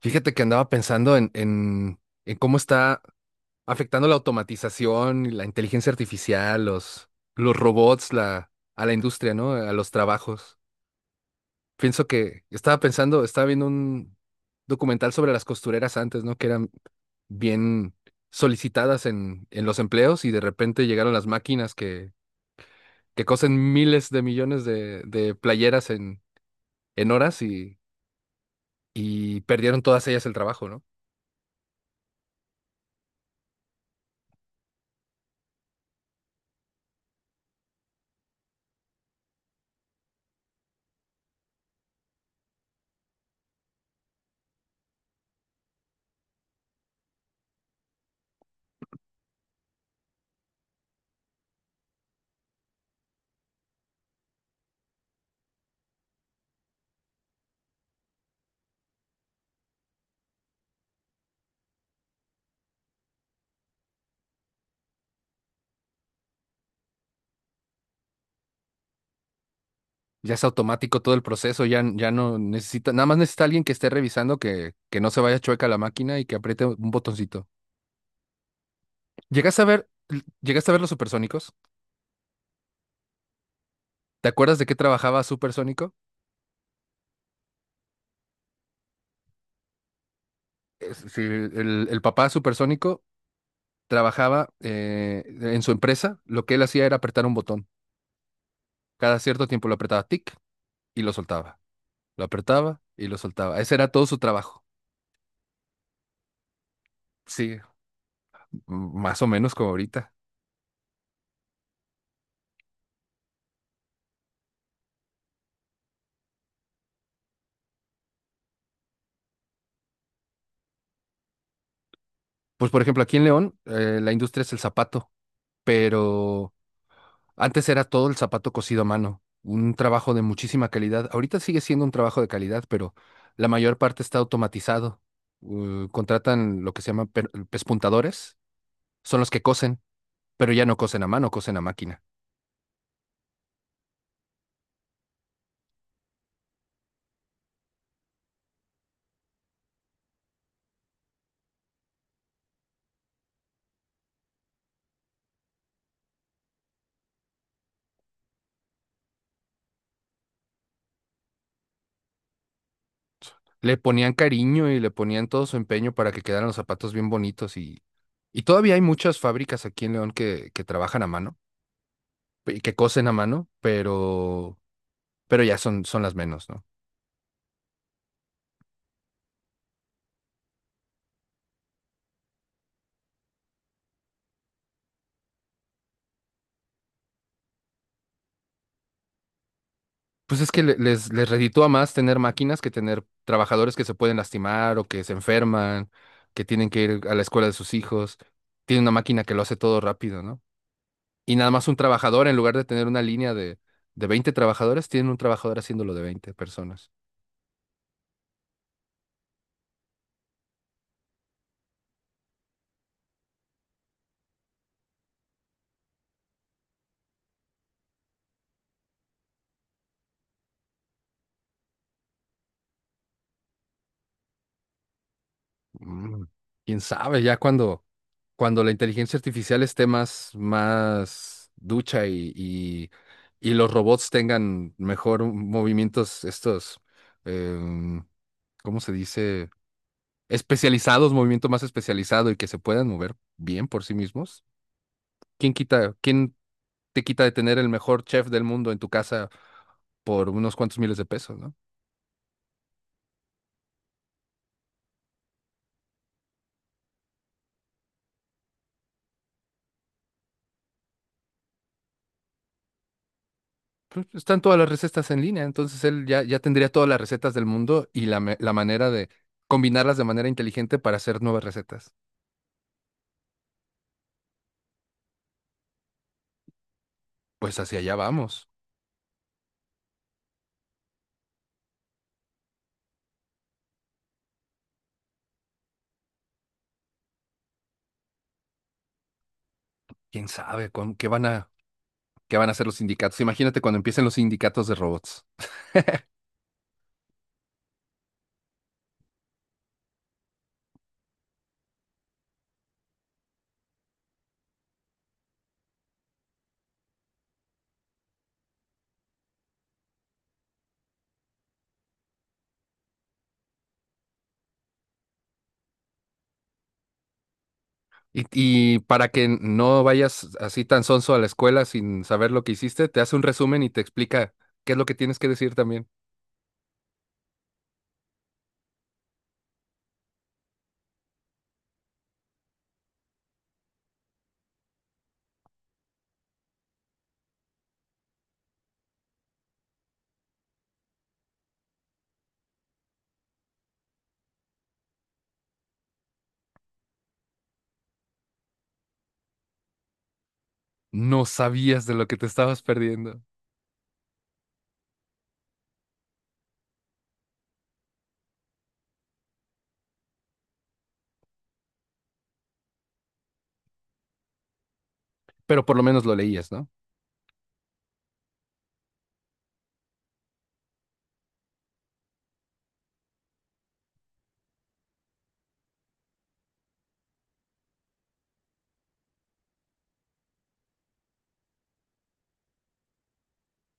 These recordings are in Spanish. Fíjate que andaba pensando en cómo está afectando la automatización y la inteligencia artificial, los robots, a la industria, ¿no? A los trabajos. Pienso que estaba pensando, Estaba viendo un documental sobre las costureras antes, ¿no? Que eran bien solicitadas en los empleos, y de repente llegaron las máquinas que cosen miles de millones de playeras en horas y perdieron todas ellas el trabajo, ¿no? Ya es automático todo el proceso, ya, ya no necesita, nada más necesita alguien que esté revisando que no se vaya chueca la máquina y que apriete un botoncito. ¿Llegaste a ver, ¿Llegaste a ver los supersónicos? ¿Te acuerdas de qué trabajaba Supersónico? Sí, el papá Supersónico trabajaba en su empresa. Lo que él hacía era apretar un botón. Cada cierto tiempo lo apretaba, tic, y lo soltaba. Lo apretaba y lo soltaba. Ese era todo su trabajo. Sí, más o menos como ahorita. Pues por ejemplo, aquí en León, la industria es el zapato, pero antes era todo el zapato cosido a mano, un trabajo de muchísima calidad. Ahorita sigue siendo un trabajo de calidad, pero la mayor parte está automatizado. Contratan lo que se llaman pespuntadores, son los que cosen, pero ya no cosen a mano, cosen a máquina. Le ponían cariño y le ponían todo su empeño para que quedaran los zapatos bien bonitos, y todavía hay muchas fábricas aquí en León que trabajan a mano, y que cosen a mano, pero ya son, son las menos, ¿no? Pues es que les reditúa más tener máquinas que tener trabajadores que se pueden lastimar o que se enferman, que tienen que ir a la escuela de sus hijos. Tiene una máquina que lo hace todo rápido, ¿no? Y nada más un trabajador: en lugar de tener una línea de veinte trabajadores, tienen un trabajador haciéndolo de veinte personas. Mm. ¿Quién sabe? Ya cuando, cuando la inteligencia artificial esté más, más ducha, y los robots tengan mejor movimientos, estos, em, ¿cómo se dice? Especializados, movimiento más especializado y que se puedan mover bien por sí mismos. ¿Quién te quita de tener el mejor chef del mundo en tu casa por unos cuantos miles de pesos, ¿no? Pues están todas las recetas en línea, entonces él ya, ya tendría todas las recetas del mundo y la manera de combinarlas de manera inteligente para hacer nuevas recetas. Pues hacia allá vamos. ¿Quién sabe con qué van a hacer los sindicatos? Imagínate cuando empiecen los sindicatos de robots. Y, y para que no vayas así tan sonso a la escuela sin saber lo que hiciste, te hace un resumen y te explica qué es lo que tienes que decir también. No sabías de lo que te estabas perdiendo, pero por lo menos lo leías, ¿no?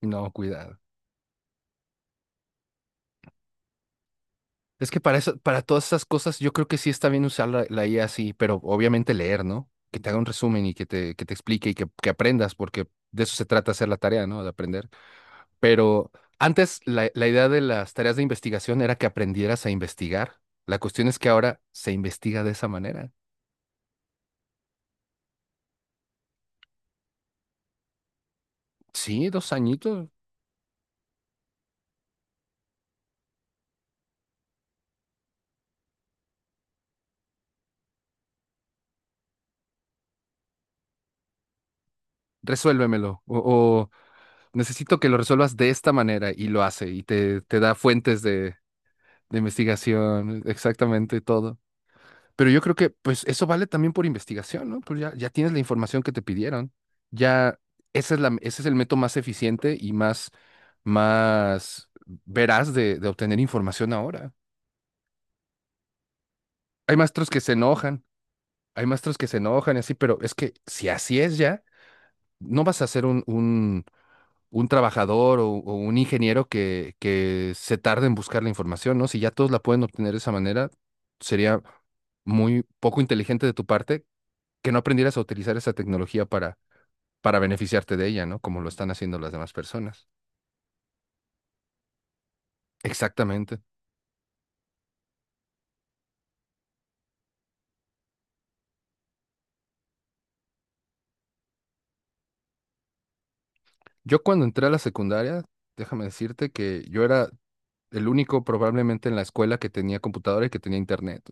No, cuidado. Es que para eso, para todas esas cosas, yo creo que sí está bien usar la IA así, pero obviamente leer, ¿no? Que te haga un resumen y que que te explique y que aprendas, porque de eso se trata hacer la tarea, ¿no? De aprender. Pero antes la idea de las tareas de investigación era que aprendieras a investigar. La cuestión es que ahora se investiga de esa manera. Sí, dos añitos, resuélvemelo. O necesito que lo resuelvas de esta manera, y lo hace, y te da fuentes de investigación, exactamente todo. Pero yo creo que pues eso vale también por investigación, ¿no? Pues ya, ya tienes la información que te pidieron. Ya esa es la, ese es el método más eficiente y más, más veraz de obtener información ahora. Hay maestros que se enojan, hay maestros que se enojan y así, pero es que si así es ya, no vas a ser un trabajador o un ingeniero que se tarde en buscar la información, ¿no? Si ya todos la pueden obtener de esa manera, sería muy poco inteligente de tu parte que no aprendieras a utilizar esa tecnología para beneficiarte de ella, ¿no? Como lo están haciendo las demás personas. Exactamente. Yo cuando entré a la secundaria, déjame decirte que yo era el único probablemente en la escuela que tenía computadora y que tenía internet.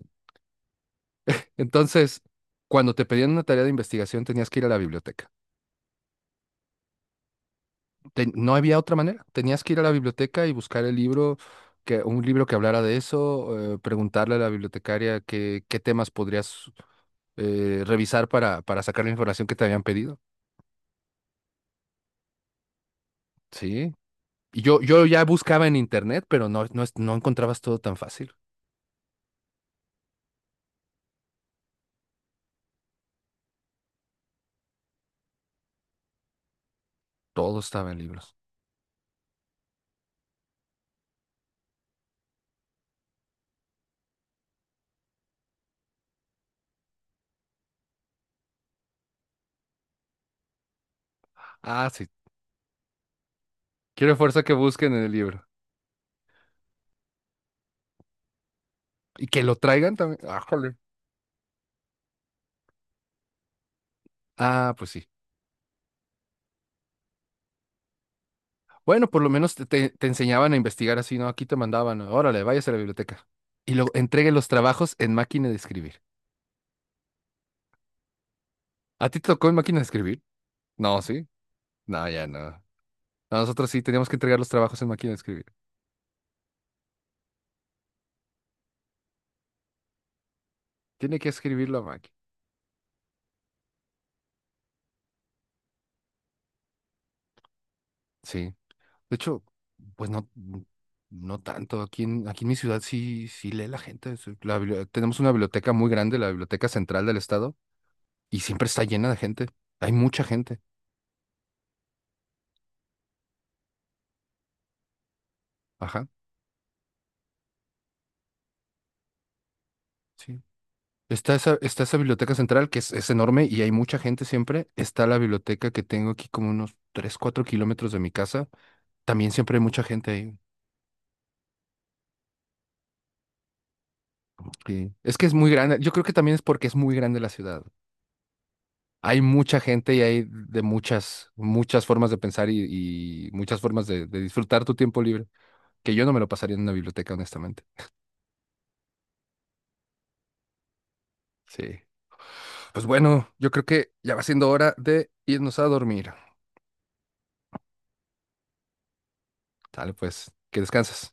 Entonces, cuando te pedían una tarea de investigación, tenías que ir a la biblioteca. No había otra manera. Tenías que ir a la biblioteca y buscar el libro, un libro que hablara de eso, preguntarle a la bibliotecaria qué temas podrías revisar para sacar la información que te habían pedido. Sí. Y yo ya buscaba en internet, pero no encontrabas todo tan fácil. Todo estaba en libros. Ah, sí. Quiero fuerza que busquen en el libro. Y que lo traigan también. Ah, jole. Ah, pues sí. Bueno, por lo menos te enseñaban a investigar así, ¿no? Aquí te mandaban, órale, váyase a la biblioteca. Y luego entregue los trabajos en máquina de escribir. ¿A ti te tocó en máquina de escribir? No, ¿sí? No, ya no. No, nosotros sí teníamos que entregar los trabajos en máquina de escribir. Tiene que escribir la máquina. Sí. De hecho, pues no, no tanto. Aquí en, aquí en mi ciudad sí, sí lee la gente. Sí, tenemos una biblioteca muy grande, la Biblioteca Central del Estado, y siempre está llena de gente. Hay mucha gente. Ajá. Sí. Está esa biblioteca central que es enorme y hay mucha gente siempre. Está la biblioteca que tengo aquí como unos 3 4 kilómetros de mi casa. También siempre hay mucha gente ahí. Sí. Es que es muy grande. Yo creo que también es porque es muy grande la ciudad. Hay mucha gente, y hay de muchas, muchas formas de pensar y muchas formas de disfrutar tu tiempo libre, que yo no me lo pasaría en una biblioteca, honestamente. Sí. Pues bueno, yo creo que ya va siendo hora de irnos a dormir. Dale, pues, que descanses.